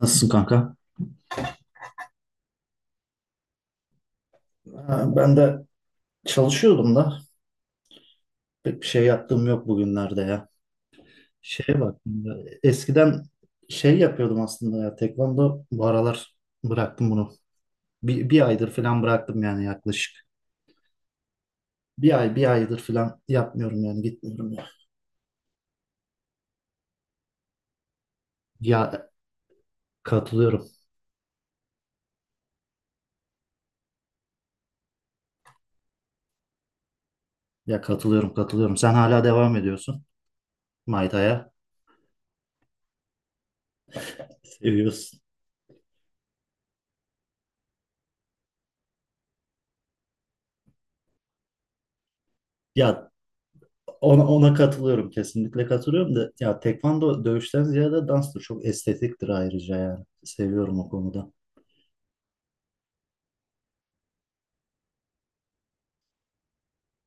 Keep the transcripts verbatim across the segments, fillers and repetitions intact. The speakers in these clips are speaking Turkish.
Nasılsın kanka? Ha, ben de çalışıyordum da pek bir şey yaptığım yok bugünlerde ya. Şeye bak, eskiden şey yapıyordum aslında ya, tekvando. Bu aralar bıraktım bunu. Bir, bir aydır falan bıraktım yani, yaklaşık. Bir ay bir aydır falan yapmıyorum yani, gitmiyorum ya. Ya katılıyorum. Ya katılıyorum katılıyorum. Sen hala devam ediyorsun. Maytaya seviyorsun. Ya Ona, ona katılıyorum, kesinlikle katılıyorum da, ya tekvando dövüşten ziyade danstır, çok estetiktir ayrıca, yani seviyorum o konuda.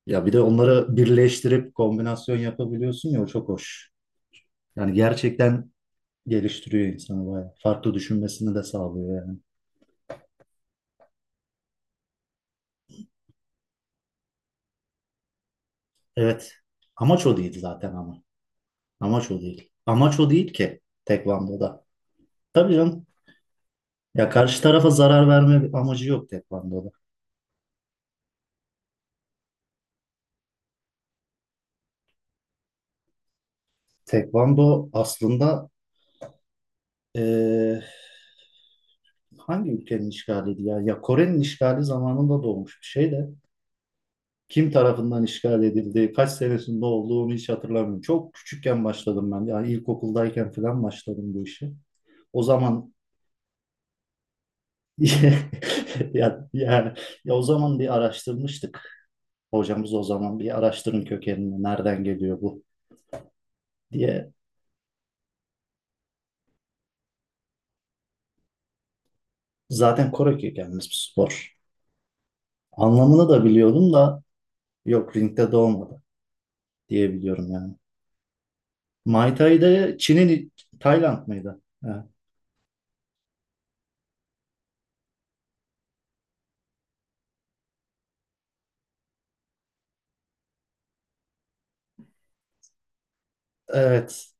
Ya bir de onları birleştirip kombinasyon yapabiliyorsun ya, o çok hoş. Yani gerçekten geliştiriyor insanı bayağı. Farklı düşünmesini de sağlıyor yani. Evet, amaç o değil zaten ama. Amaç o değil. Amaç o değil ki tekvandoda. Tabii canım, ya karşı tarafa zarar verme amacı yok tekvandoda. Tekvando aslında eee hangi ülkenin işgaliydi ya? Ya Kore'nin işgali zamanında doğmuş bir şey de, kim tarafından işgal edildi, kaç senesinde olduğu onu hiç hatırlamıyorum. Çok küçükken başladım ben. Yani ilkokuldayken falan başladım bu işe. O zaman ya, yani, ya o zaman bir araştırmıştık. Hocamız o zaman, bir araştırın kökenini, nereden geliyor bu, diye. Zaten Kore kökenli bir spor. Anlamını da biliyordum da, yok, ringde doğmadı diye biliyorum yani. Muay Thai'de Çin'in, Tayland mıydı? Ha. Evet.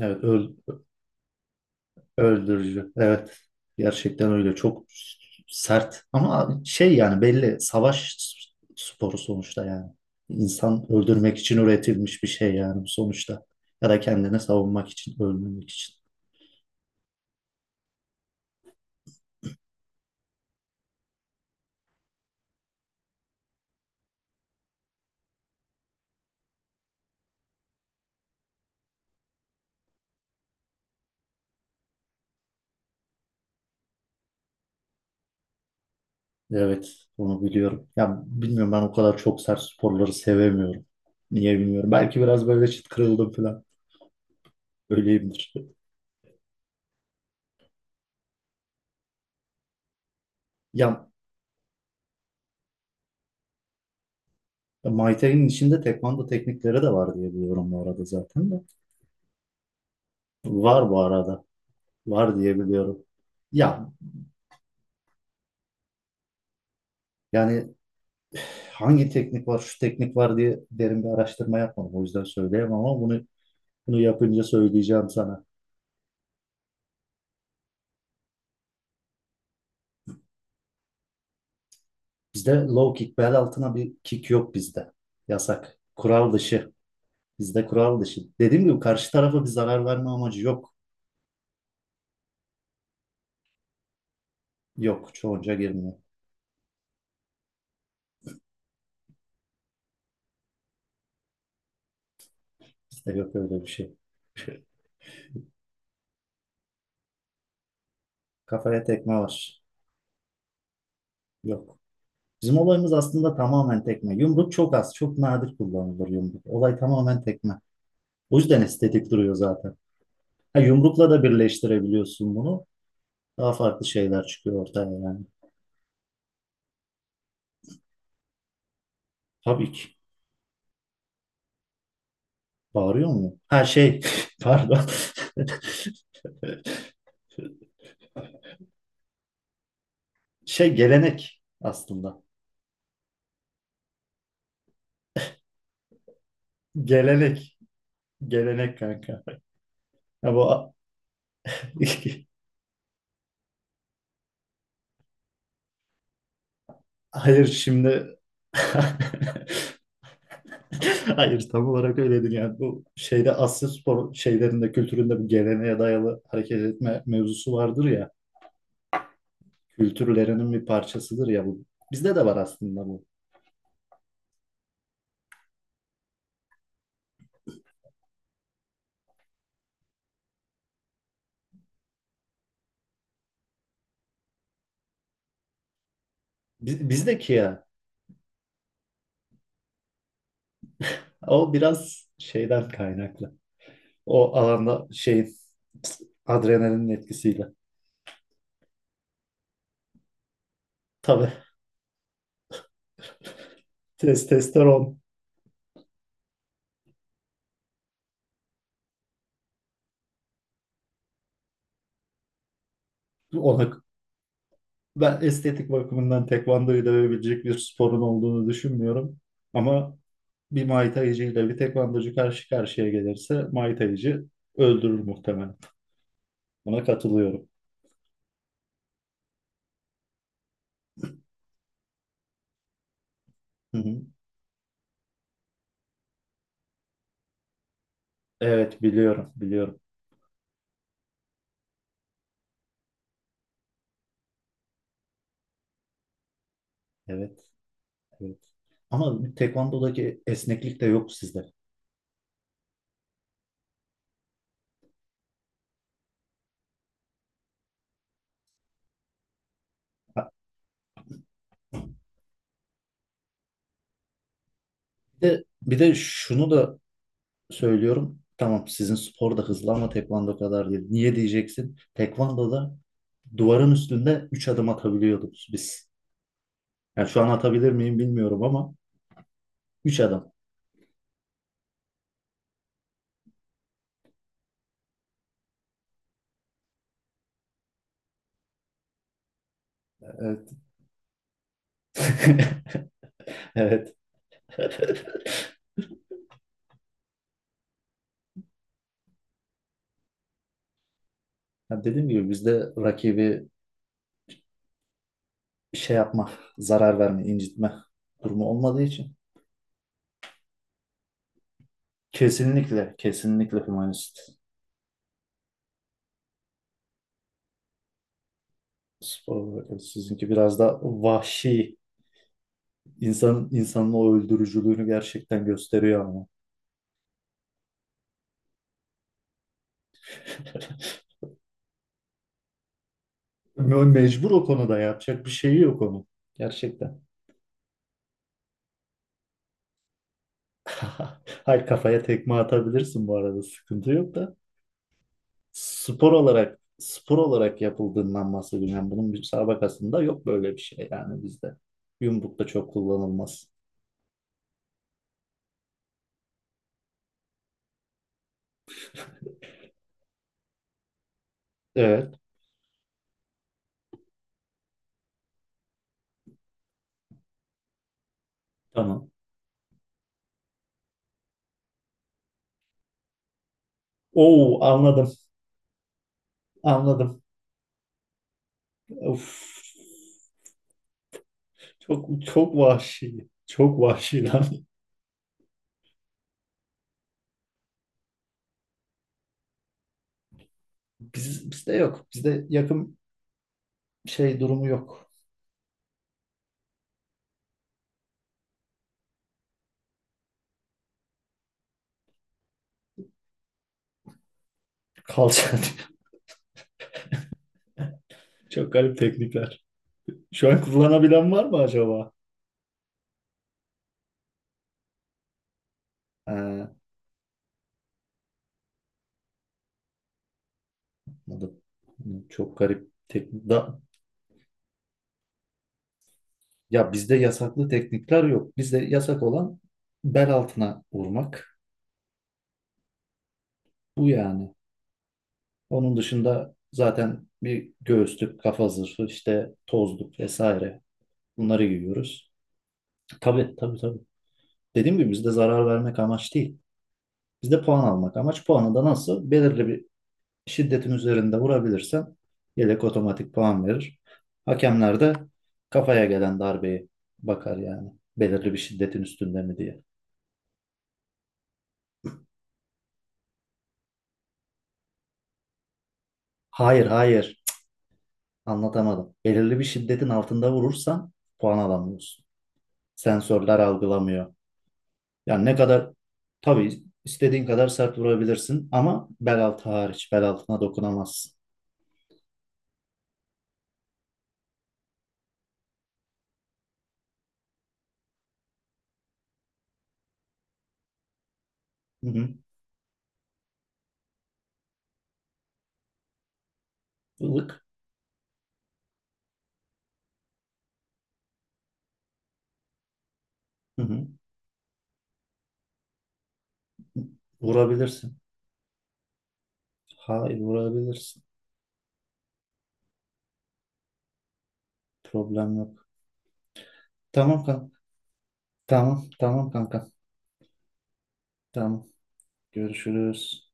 Evet, öl- öldürücü. Evet. Gerçekten öyle. Çok sert. Ama şey, yani belli savaş sporu sonuçta yani. İnsan öldürmek için üretilmiş bir şey yani sonuçta. Ya da kendini savunmak için, ölmemek için. Evet, onu biliyorum. Ya bilmiyorum, ben o kadar çok sert sporları sevemiyorum. Niye bilmiyorum. Belki biraz böyle çıt kırıldım falan. Öyleyimdir. Ya ya, Muay Thai'nin içinde tekvando teknikleri de var diye biliyorum bu arada zaten de. Var bu arada. Var diye biliyorum. Ya yani, hangi teknik var, şu teknik var diye derin bir araştırma yapmadım. O yüzden söyleyemem ama bunu bunu yapınca söyleyeceğim sana. Bizde low kick, bel altına bir kick yok bizde. Yasak. Kural dışı. Bizde kural dışı. Dediğim gibi karşı tarafa bir zarar verme amacı yok. Yok. Çoğunca girmiyor. Bizde yok öyle bir şey. Kafaya tekme var. Yok. Bizim olayımız aslında tamamen tekme. Yumruk çok az, çok nadir kullanılır yumruk. Olay tamamen tekme. O yüzden estetik duruyor zaten. Ha, yumrukla da birleştirebiliyorsun bunu. Daha farklı şeyler çıkıyor ortaya yani. Tabii ki. Bağırıyor mu? Her şey, pardon. Şey, gelenek aslında. Gelenek. Gelenek kanka. Ya bu hayır şimdi hayır, tam olarak öyle değil yani. Bu şeyde, Asya spor şeylerinde, kültüründe bu geleneğe dayalı hareket etme mevzusu vardır ya, kültürlerinin bir parçasıdır ya bu, bizde de var aslında bu. Biz- bizdeki ya, o biraz şeyden kaynaklı, o alanda şeyin, adrenalinin etkisiyle, tabii, testosteron. Ona, ben estetik bakımından tekvandoyu dövebilecek bir sporun olduğunu düşünmüyorum ama bir Muay Thai'cı ile bir tekvandocu karşı karşıya gelirse Muay Thai'cı öldürür muhtemelen. Buna katılıyorum. Hı hı. Evet, biliyorum biliyorum. Evet, evet. Ama tekvandodaki esneklik de yok sizde. Bir de, bir de şunu da söylüyorum. Tamam, sizin spor da hızlı ama tekvando kadar değil. Niye diyeceksin? Tekvandoda duvarın üstünde üç adım atabiliyorduk biz. Yani şu an atabilir miyim bilmiyorum ama üç adım. Evet. Evet. Ya dediğim gibi, bizde rakibi şey yapma, zarar verme, incitme durumu olmadığı için kesinlikle, kesinlikle humanist spor olarak. Evet, sizinki biraz da vahşi, insan insanın o öldürücülüğünü gerçekten gösteriyor ama. Me- Mecbur, o konuda yapacak bir şeyi yok onun. Gerçekten. Hayır, kafaya tekme atabilirsin bu arada, sıkıntı yok da. Spor olarak spor olarak yapıldığından bahsediyorum. Yani bunun müsabakasında yok böyle bir şey yani bizde. Yumruk da çok kullanılmaz. Evet, tamam. Oo, anladım. Anladım. Uf, çok çok vahşi. Çok vahşi lan. Biz, bizde yok. Bizde yakın şey durumu yok. Kalça. Çok garip teknikler. Şu an kullanabilen var mı acaba? Ha, anladım. Çok garip teknik. Ya bizde yasaklı teknikler yok. Bizde yasak olan bel altına vurmak. Bu yani. Onun dışında zaten bir göğüslük, kafa zırhı, işte tozluk vesaire. Bunları giyiyoruz. Tabii tabii tabii. Dediğim gibi bizde zarar vermek amaç değil. Bizde puan almak amaç. Puanı da nasıl? Belirli bir şiddetin üzerinde vurabilirsen yelek otomatik puan verir. Hakemler de kafaya gelen darbeye bakar yani. Belirli bir şiddetin üstünde mi diye. Hayır, hayır. Anlatamadım. Belirli bir şiddetin altında vurursan puan alamıyorsun. Sensörler algılamıyor. Yani ne kadar, tabii istediğin kadar sert vurabilirsin ama bel altı hariç, bel altına dokunamazsın. Hı hı. Ilık. Hı hı. Vurabilirsin. Hayır, vurabilirsin. Problem yok. Tamam kan. Tamam, tamam kanka. Tamam. Görüşürüz.